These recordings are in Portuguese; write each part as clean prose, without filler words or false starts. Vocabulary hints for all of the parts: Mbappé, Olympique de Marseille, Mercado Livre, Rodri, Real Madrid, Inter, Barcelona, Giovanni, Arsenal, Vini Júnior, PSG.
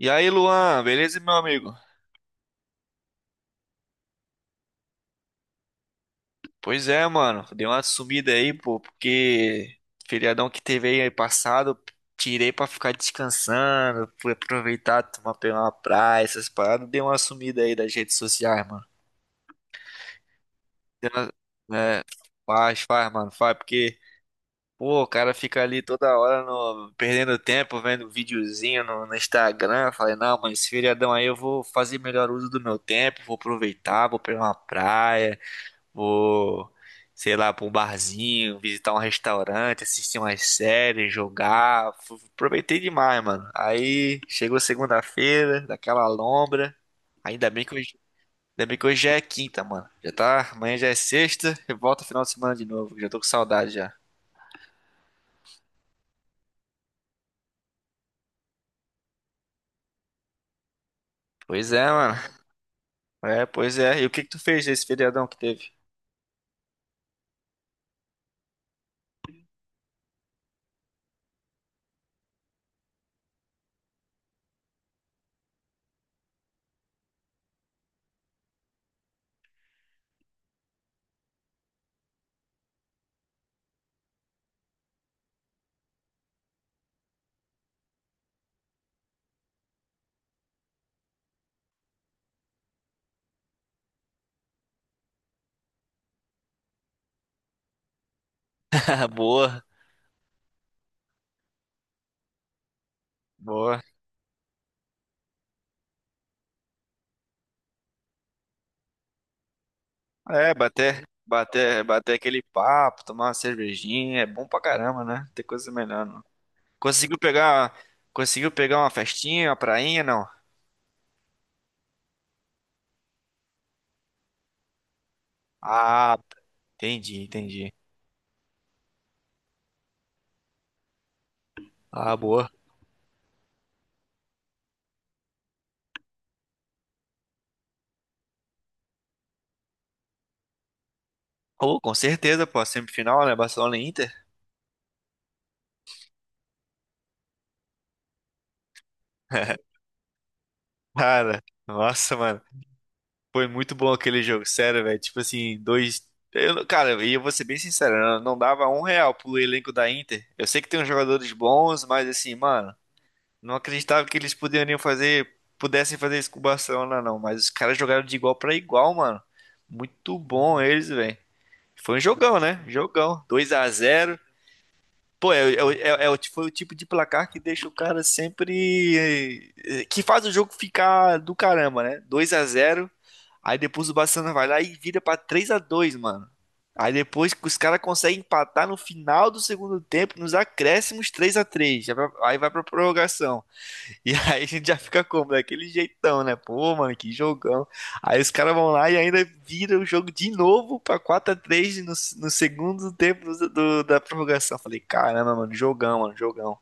E aí, Luan, beleza, meu amigo? Pois é, mano, dei uma sumida aí, pô, porque feriadão que teve aí passado, tirei pra ficar descansando, fui aproveitar, tomar pegar uma praia, essas paradas, dei uma sumida aí das redes sociais, mano. Dei uma- É, faz, mano, faz, porque, pô, o cara fica ali toda hora no, perdendo tempo, vendo videozinho no Instagram. Eu falei, não, mano, esse feriadão aí eu vou fazer melhor uso do meu tempo, vou aproveitar, vou pegar uma praia. Vou, sei lá, pra um barzinho, visitar um restaurante, assistir umas séries, jogar. Aproveitei demais, mano. Aí chegou segunda-feira, daquela lombra. Ainda bem que hoje, ainda bem que hoje já é quinta, mano. Já tá, amanhã já é sexta, e volta final de semana de novo. Já tô com saudade já. Pois é, mano. É, pois é. E o que que tu fez nesse feriadão que teve? Ah, boa, boa. É, bater, bater aquele papo, tomar uma cervejinha, é bom pra caramba, né? Tem coisa melhor, não. Conseguiu pegar, conseguiu pegar uma festinha, uma prainha, não? Ah, entendi, entendi. Ah, boa. Oh, com certeza, pô, semifinal, né? Barcelona e Inter. Cara, nossa, mano. Foi muito bom aquele jogo, sério, velho. Tipo assim, dois. Eu, cara, e eu vou ser bem sincero, eu não dava um real pro elenco da Inter. Eu sei que tem uns jogadores bons, mas assim, mano, não acreditava que eles poderiam fazer, pudessem fazer isso com o Barcelona, não. Mas os caras jogaram de igual pra igual, mano. Muito bom eles, velho. Foi um jogão, né? Jogão. Dois a zero. Pô, é, é, é, é o- ti- foi o tipo de placar que deixa o cara sempre. Que faz o jogo ficar do caramba, né? Dois a zero. Aí depois o Barcelona vai lá e vira pra 3 a dois, mano. Aí depois que os caras conseguem empatar no final do segundo tempo, nos acréscimos, 3 a três. Aí vai pra prorrogação. E aí a gente já fica como? Daquele jeitão, né? Pô, mano, que jogão. Aí os caras vão lá e ainda vira o jogo de novo pra quatro a três no segundo tempo da prorrogação. Falei, caramba, mano, jogão, mano, jogão.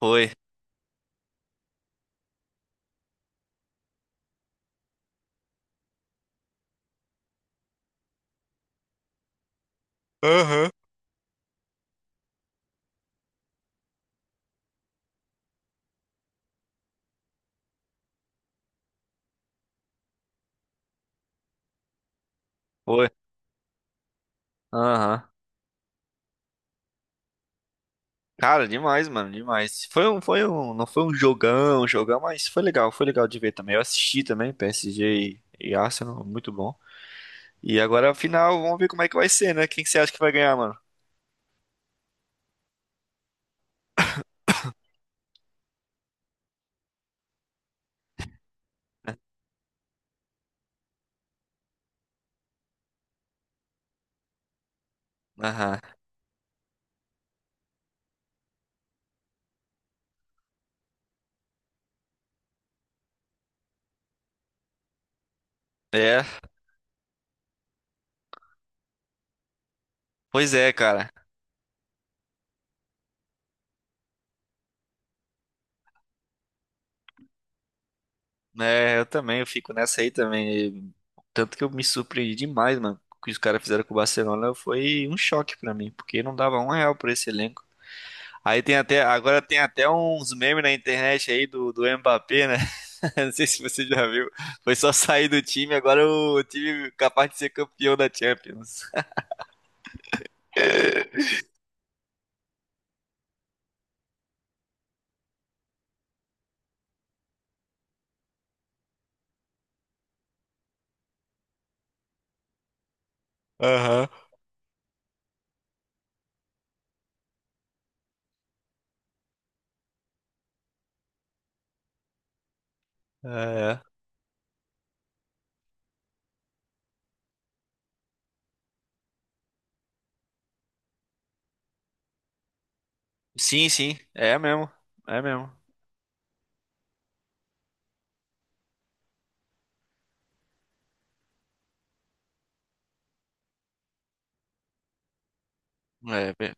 Foi, aham, foi. Aham. Cara, demais, mano, demais. Não foi um jogão, mas foi legal de ver também. Eu assisti também, PSG e Arsenal, muito bom. E agora, final, vamos ver como é que vai ser, né? Quem que você acha que vai ganhar, mano? Aham. É. Pois é, cara. É, eu também, eu fico nessa aí também. Tanto que eu me surpreendi demais, mano. O que os caras fizeram com o Barcelona foi um choque pra mim, porque não dava um real por esse elenco. Aí tem até, agora tem até uns memes na internet aí do Mbappé, né? Não sei se você já viu. Foi só sair do time, agora o time é capaz de ser campeão da Champions. Aham. É, é. Sim, sim, é mesmo. É mesmo. É,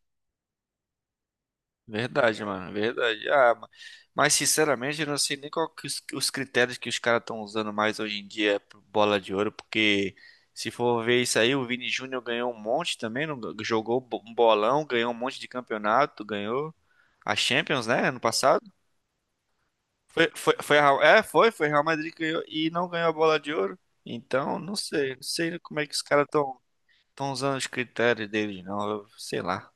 verdade, mano, verdade. Mas sinceramente, eu não sei nem qual que os critérios que os caras estão usando mais hoje em dia pro bola de ouro, porque se for ver isso aí, o Vini Júnior ganhou um monte também, não, jogou um bolão, ganhou um monte de campeonato, ganhou a Champions, né, ano passado. A é, foi, foi Real Madrid que ganhou e não ganhou a bola de ouro. Então, não sei, não sei como é que os caras estão usando os critérios deles, não, eu, sei lá.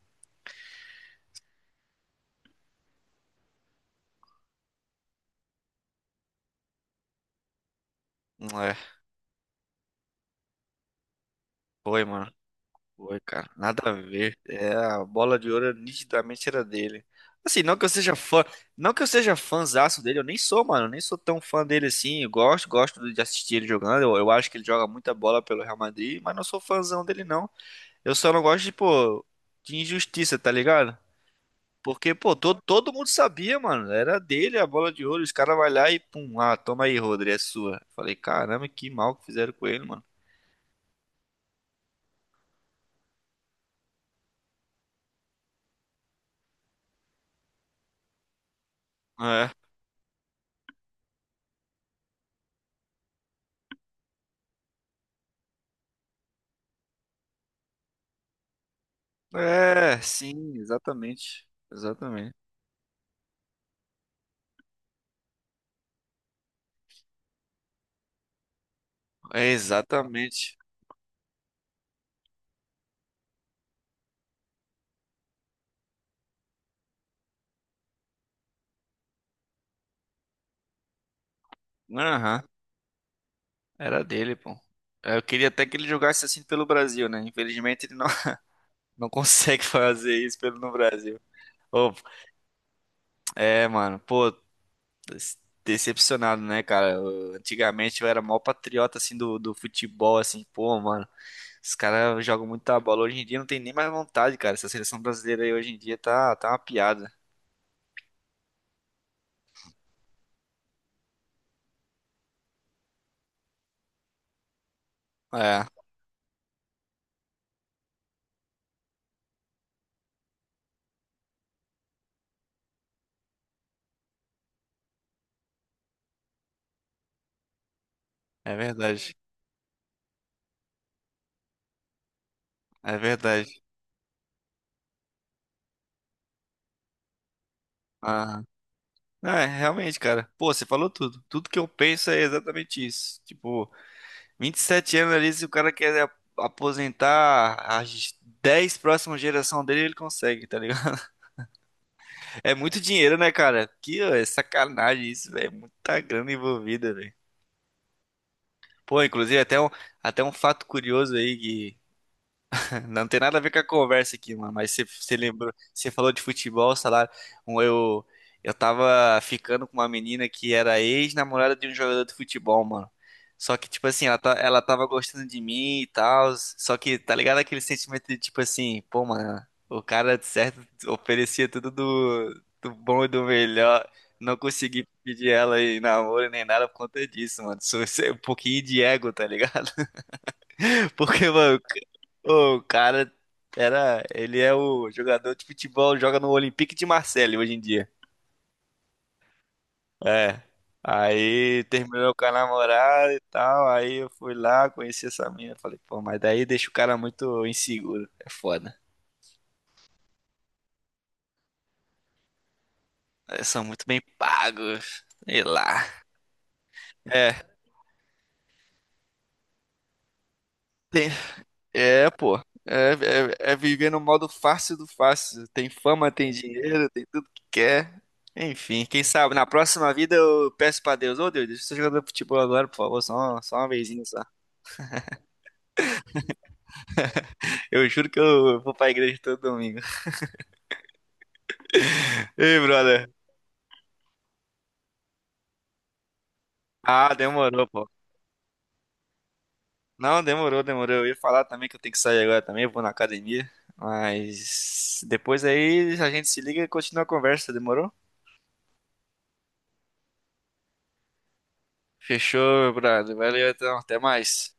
Não é, foi, mano. Foi, cara. Nada a ver. É, a bola de ouro nitidamente era dele. Assim, não que eu seja fã, não que eu seja fãzaço dele, eu nem sou, mano, eu nem sou tão fã dele assim. Eu gosto, gosto de assistir ele jogando. Eu acho que ele joga muita bola pelo Real Madrid, mas não sou fãzão dele não. Eu só não gosto de, pô, de injustiça, tá ligado? Porque, pô, todo, todo mundo sabia, mano. Era dele a bola de ouro. Os caras vai lá e pum, ah, toma aí, Rodri, é sua. Falei, caramba, que mal que fizeram com ele, mano. É. É, sim, exatamente. Exatamente. É, exatamente. Aham, era dele, pô. Eu queria até que ele jogasse assim pelo Brasil, né? Infelizmente ele não, não consegue fazer isso pelo no Brasil. Ô, é, mano, pô, des- decepcionado, né, cara? Antigamente eu era mó patriota, assim, do futebol, assim, pô, mano, os caras jogam muita bola. Hoje em dia não tem nem mais vontade, cara. Essa seleção brasileira aí hoje em dia tá, tá uma piada. É, é verdade. É verdade. Ah, é, realmente, cara. Pô, você falou tudo. Tudo que eu penso é exatamente isso. Tipo, 27 anos ali, se o cara quer aposentar as 10 próximas gerações dele, ele consegue, tá ligado? É muito dinheiro, né, cara? Que ó, é sacanagem isso, velho. É muita grana envolvida, velho. Pô, inclusive, até um fato curioso aí. Não tem nada a ver com a conversa aqui, mano. Mas você, você lembrou, você falou de futebol, salário. Um, Eu, eu tava ficando com uma menina que era ex-namorada de um jogador de futebol, mano. Só que, tipo assim, ela, tá, ela tava gostando de mim e tal. Só que, tá ligado aquele sentimento de, tipo assim, pô, mano, o cara, de certo, oferecia tudo do, do bom e do melhor. Não consegui pedir ela em namoro nem nada por conta disso, mano. Sou um pouquinho de ego, tá ligado? Porque, mano, o cara era. Ele é o jogador de futebol, joga no Olympique de Marseille hoje em dia. É. Aí terminou com a namorada e tal. Aí eu fui lá, conheci essa mina. Falei, pô, mas daí deixa o cara muito inseguro. É foda. Eles são muito bem pagos. Sei lá. É. Tem, é, pô. É, é, é viver no modo fácil do fácil. Tem fama, tem dinheiro, tem tudo que quer. Enfim, quem sabe na próxima vida eu peço pra Deus: ô Deus, deixa eu ser jogador de futebol agora, por favor, só uma vezinha só. Eu juro que eu vou pra igreja todo domingo. Ei, brother. Ah, demorou, pô. Não, demorou, demorou. Eu ia falar também que eu tenho que sair agora também, eu vou na academia. Mas depois aí a gente se liga e continua a conversa, demorou? Fechou, meu brother. Valeu, então. Até mais.